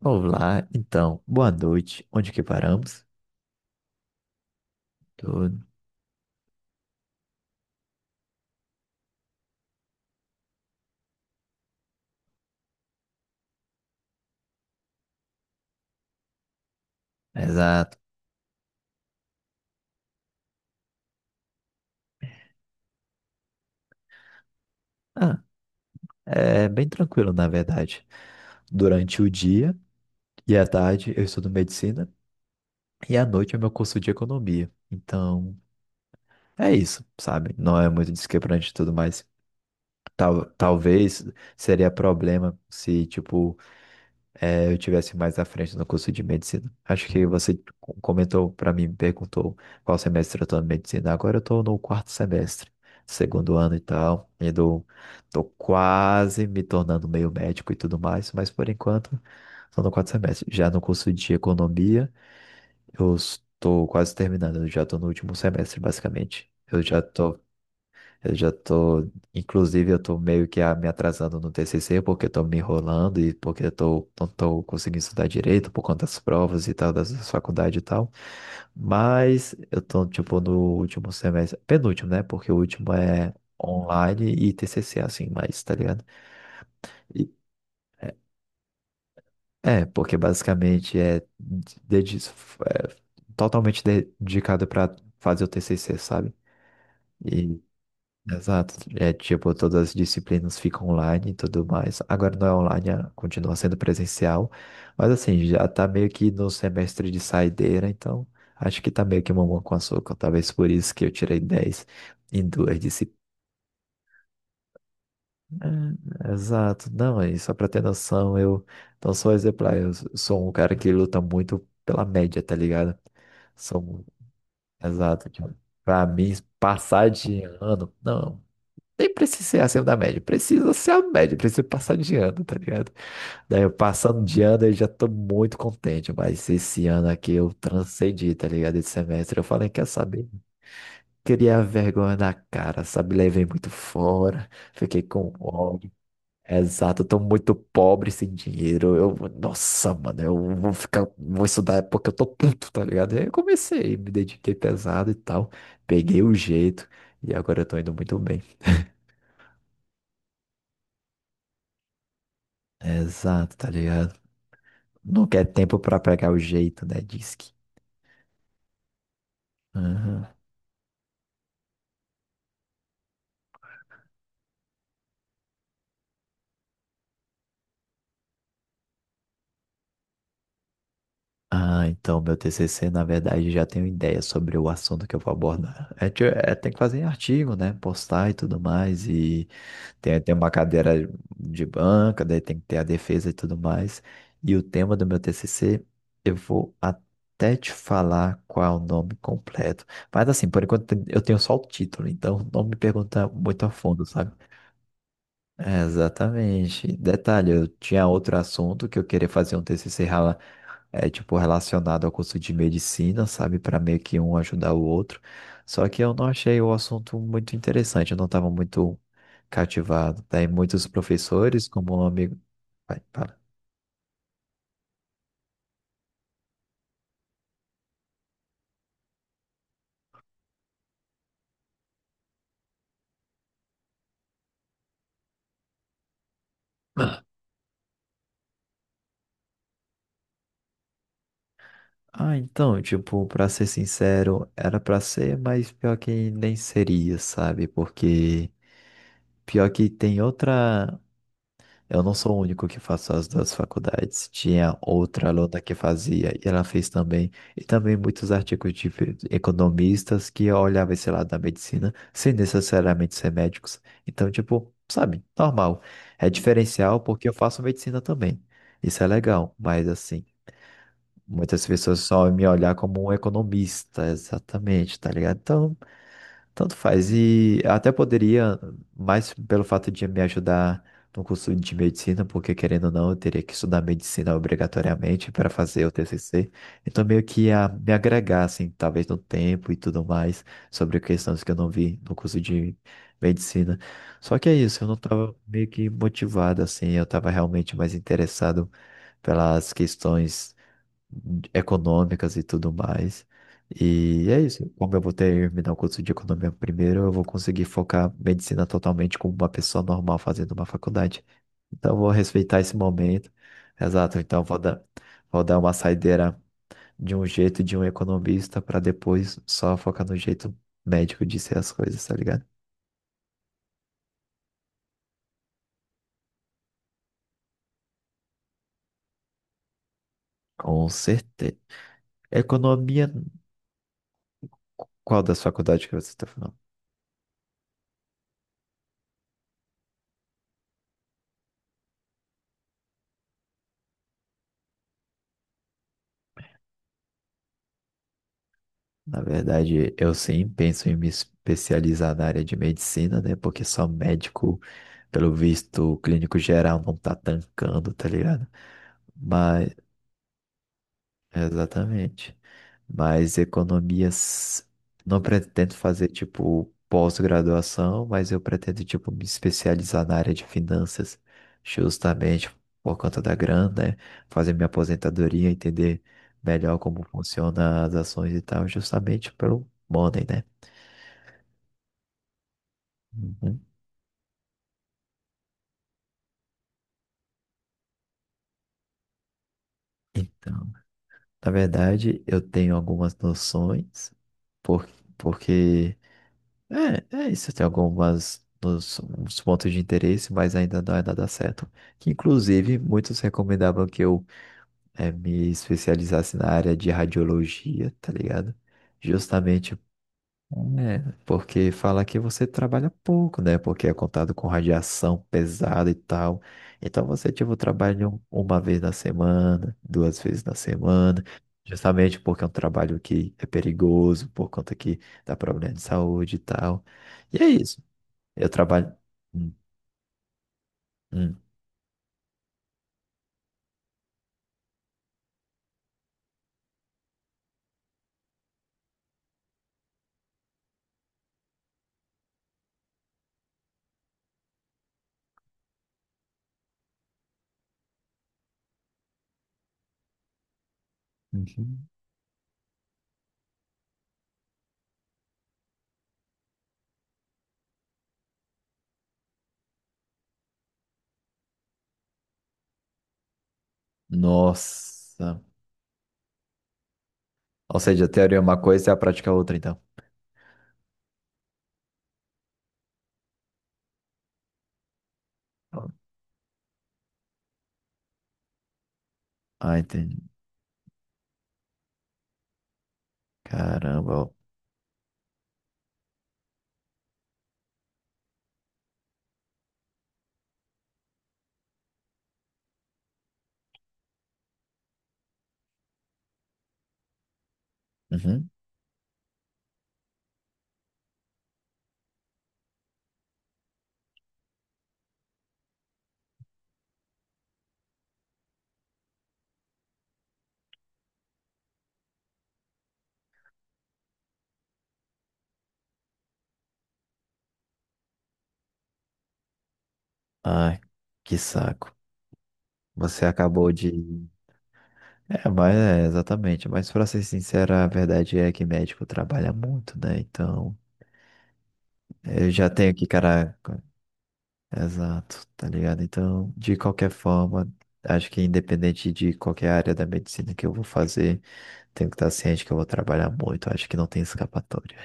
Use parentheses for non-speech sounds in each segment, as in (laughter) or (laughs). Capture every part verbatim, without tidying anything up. Olá, então, boa noite. Onde que paramos? Tudo. Exato. Ah, é bem tranquilo, na verdade. Durante o dia e à tarde eu estudo medicina e à noite é meu curso de economia. Então, é isso, sabe? Não é muito desquebrante e tudo mais. Tal, talvez seria problema se, tipo, eh, eu tivesse mais à frente no curso de medicina. Acho que você co- comentou para mim, me perguntou qual semestre eu estou na medicina. Agora eu estou no quarto semestre, segundo ano e tal. E do, tô quase me tornando meio médico e tudo mais, mas por enquanto estou no quarto semestre. Já no curso de economia, eu estou quase terminando, eu já estou no último semestre, basicamente. Eu já estou eu já tô, inclusive, eu tô meio que ah, me atrasando no tê cê cê porque eu tô me enrolando e porque eu tô, não tô conseguindo estudar direito por conta das provas e tal, das das faculdades e tal. Mas eu tô, tipo, no último semestre, penúltimo, né? Porque o último é online e tê cê cê, assim, mas, tá ligado? E- é, é, porque basicamente é, dedi- é totalmente de- dedicado para fazer o tê cê cê, sabe? Exato. É tipo, todas as disciplinas ficam online e tudo mais. Agora não é online, é- continua sendo presencial. Mas assim, já tá meio que no semestre de saideira, então acho que tá meio que mamão com açúcar. Talvez por isso que eu tirei dez em duas disciplinas. Exato. Não, e só pra ter noção, eu não sou exemplar, eu s- sou um cara que luta muito pela média, tá ligado? São, exato. Tipo, pra mim, passar de ano, não. Nem precisa ser acima da média, precisa ser a média, precisa passar de ano, tá ligado? Daí eu passando de ano eu já tô muito contente, mas esse ano aqui eu transcendi, tá ligado? Esse semestre eu falei, quer saber? Queria a vergonha na cara, sabe? Levei muito fora, fiquei com ódio. Exato, eu tô muito pobre sem dinheiro. Eu, nossa, mano, eu vou ficar, vou estudar porque eu tô puto, tá ligado? Aí eu comecei, me dediquei pesado e tal, peguei o jeito e agora eu tô indo muito bem. Exato, tá ligado? Não quer tempo para pegar o jeito, né? Diz que. Aham. Ah, então meu tê cê cê, na verdade, já tenho ideia sobre o assunto que eu vou abordar. É, ti- é, tem que fazer artigo, né? Postar e tudo mais. E tem, tem uma cadeira de banca, daí tem que ter a defesa e tudo mais. E o tema do meu tê cê cê, eu vou até te falar qual é o nome completo. Mas assim, por enquanto eu tenho só o título, então não me pergunta muito a fundo, sabe? É, exatamente. Detalhe, eu tinha outro assunto que eu queria fazer um tê cê cê rela- é, tipo, relacionado ao curso de medicina, sabe? Para meio que um ajudar o outro. Só que eu não achei o assunto muito interessante, eu não estava muito cativado. Daí muitos professores, como um amigo. Vai, fala. Ah, então, tipo, pra ser sincero, era pra ser, mas pior que nem seria, sabe? Porque pior que tem outra. Eu não sou o único que faço as duas faculdades. Tinha outra aluna que fazia e ela fez também. E também muitos artigos de fe- economistas que olhavam esse lado da medicina sem necessariamente ser médicos. Então, tipo, sabe, normal. É diferencial porque eu faço medicina também. Isso é legal, mas assim, muitas pessoas só me olhar como um economista, exatamente, tá ligado? Então, tanto faz. E eu até poderia, mais pelo fato de me ajudar no curso de medicina, porque querendo ou não, eu teria que estudar medicina obrigatoriamente para fazer o tê cê cê. Então, meio que ia me agregar, assim, talvez no tempo e tudo mais, sobre questões que eu não vi no curso de medicina. Só que é isso, eu não estava meio que motivado, assim, eu estava realmente mais interessado pelas questões econômicas e tudo mais. E é isso. Como eu vou terminar o curso de economia primeiro, eu vou conseguir focar medicina totalmente como uma pessoa normal fazendo uma faculdade. Então, eu vou respeitar esse momento. Exato. Então, eu vou dar, vou dar uma saideira de um jeito de um economista para depois só focar no jeito médico de ser as coisas, tá ligado? Com certeza. Economia, qual das faculdades que você está falando? Na verdade, eu sim penso em me especializar na área de medicina, né? Porque só médico, pelo visto, o clínico geral não tá tancando, tá ligado? Mas, exatamente. Mas economias, não pretendo fazer, tipo, pós-graduação, mas eu pretendo, tipo, me especializar na área de finanças, justamente por conta da grana, né? Fazer minha aposentadoria, entender melhor como funcionam as ações e tal, justamente pelo money, né? Uhum. Então, na verdade, eu tenho algumas noções, por, porque é, é isso, eu tenho algumas nos, uns pontos de interesse, mas ainda não é nada certo. Que, inclusive, muitos recomendavam que eu eh, me especializasse na área de radiologia, tá ligado? Justamente é, porque fala que você trabalha pouco, né? Porque é contado com radiação pesada e tal. Então você, tipo, trabalha um- uma vez na semana, duas vezes na semana, justamente porque é um trabalho que é perigoso, por conta que dá problema de saúde e tal. E é isso. Eu trabalho. Hum, hum, uhum. Nossa. Ou seja, a teoria é uma coisa e a prática é outra, então. Ah, entendi. Caramba. Uhum. Ai, que saco. Você acabou de. É, mas é, exatamente. Mas pra ser sincero, a verdade é que médico trabalha muito, né? Então, eu já tenho que, caraca, exato, tá ligado? Então, de qualquer forma, acho que independente de qualquer área da medicina que eu vou fazer, tenho que estar ciente que eu vou trabalhar muito. Acho que não tem escapatória.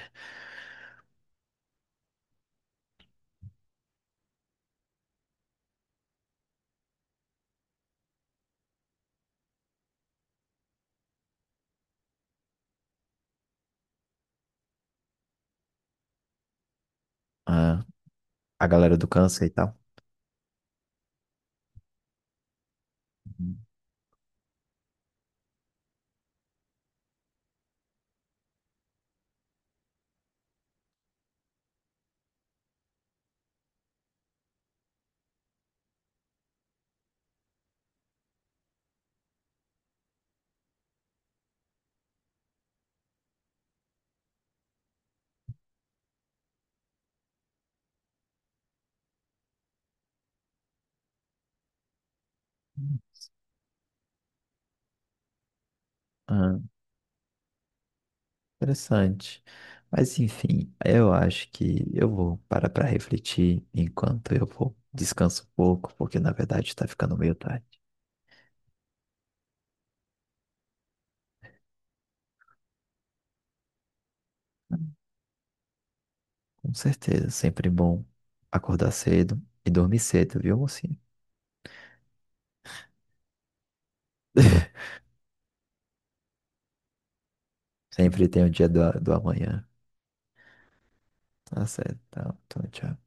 Ah, a galera do câncer e tal. Uhum. Interessante. Mas enfim, eu acho que eu vou parar para refletir enquanto eu vou descanso um pouco, porque na verdade está ficando meio tarde. Com certeza, sempre bom acordar cedo e dormir cedo, viu, mocinha? (laughs) Sempre tem o dia do, do amanhã. Tá certo. Tá, então, tchau.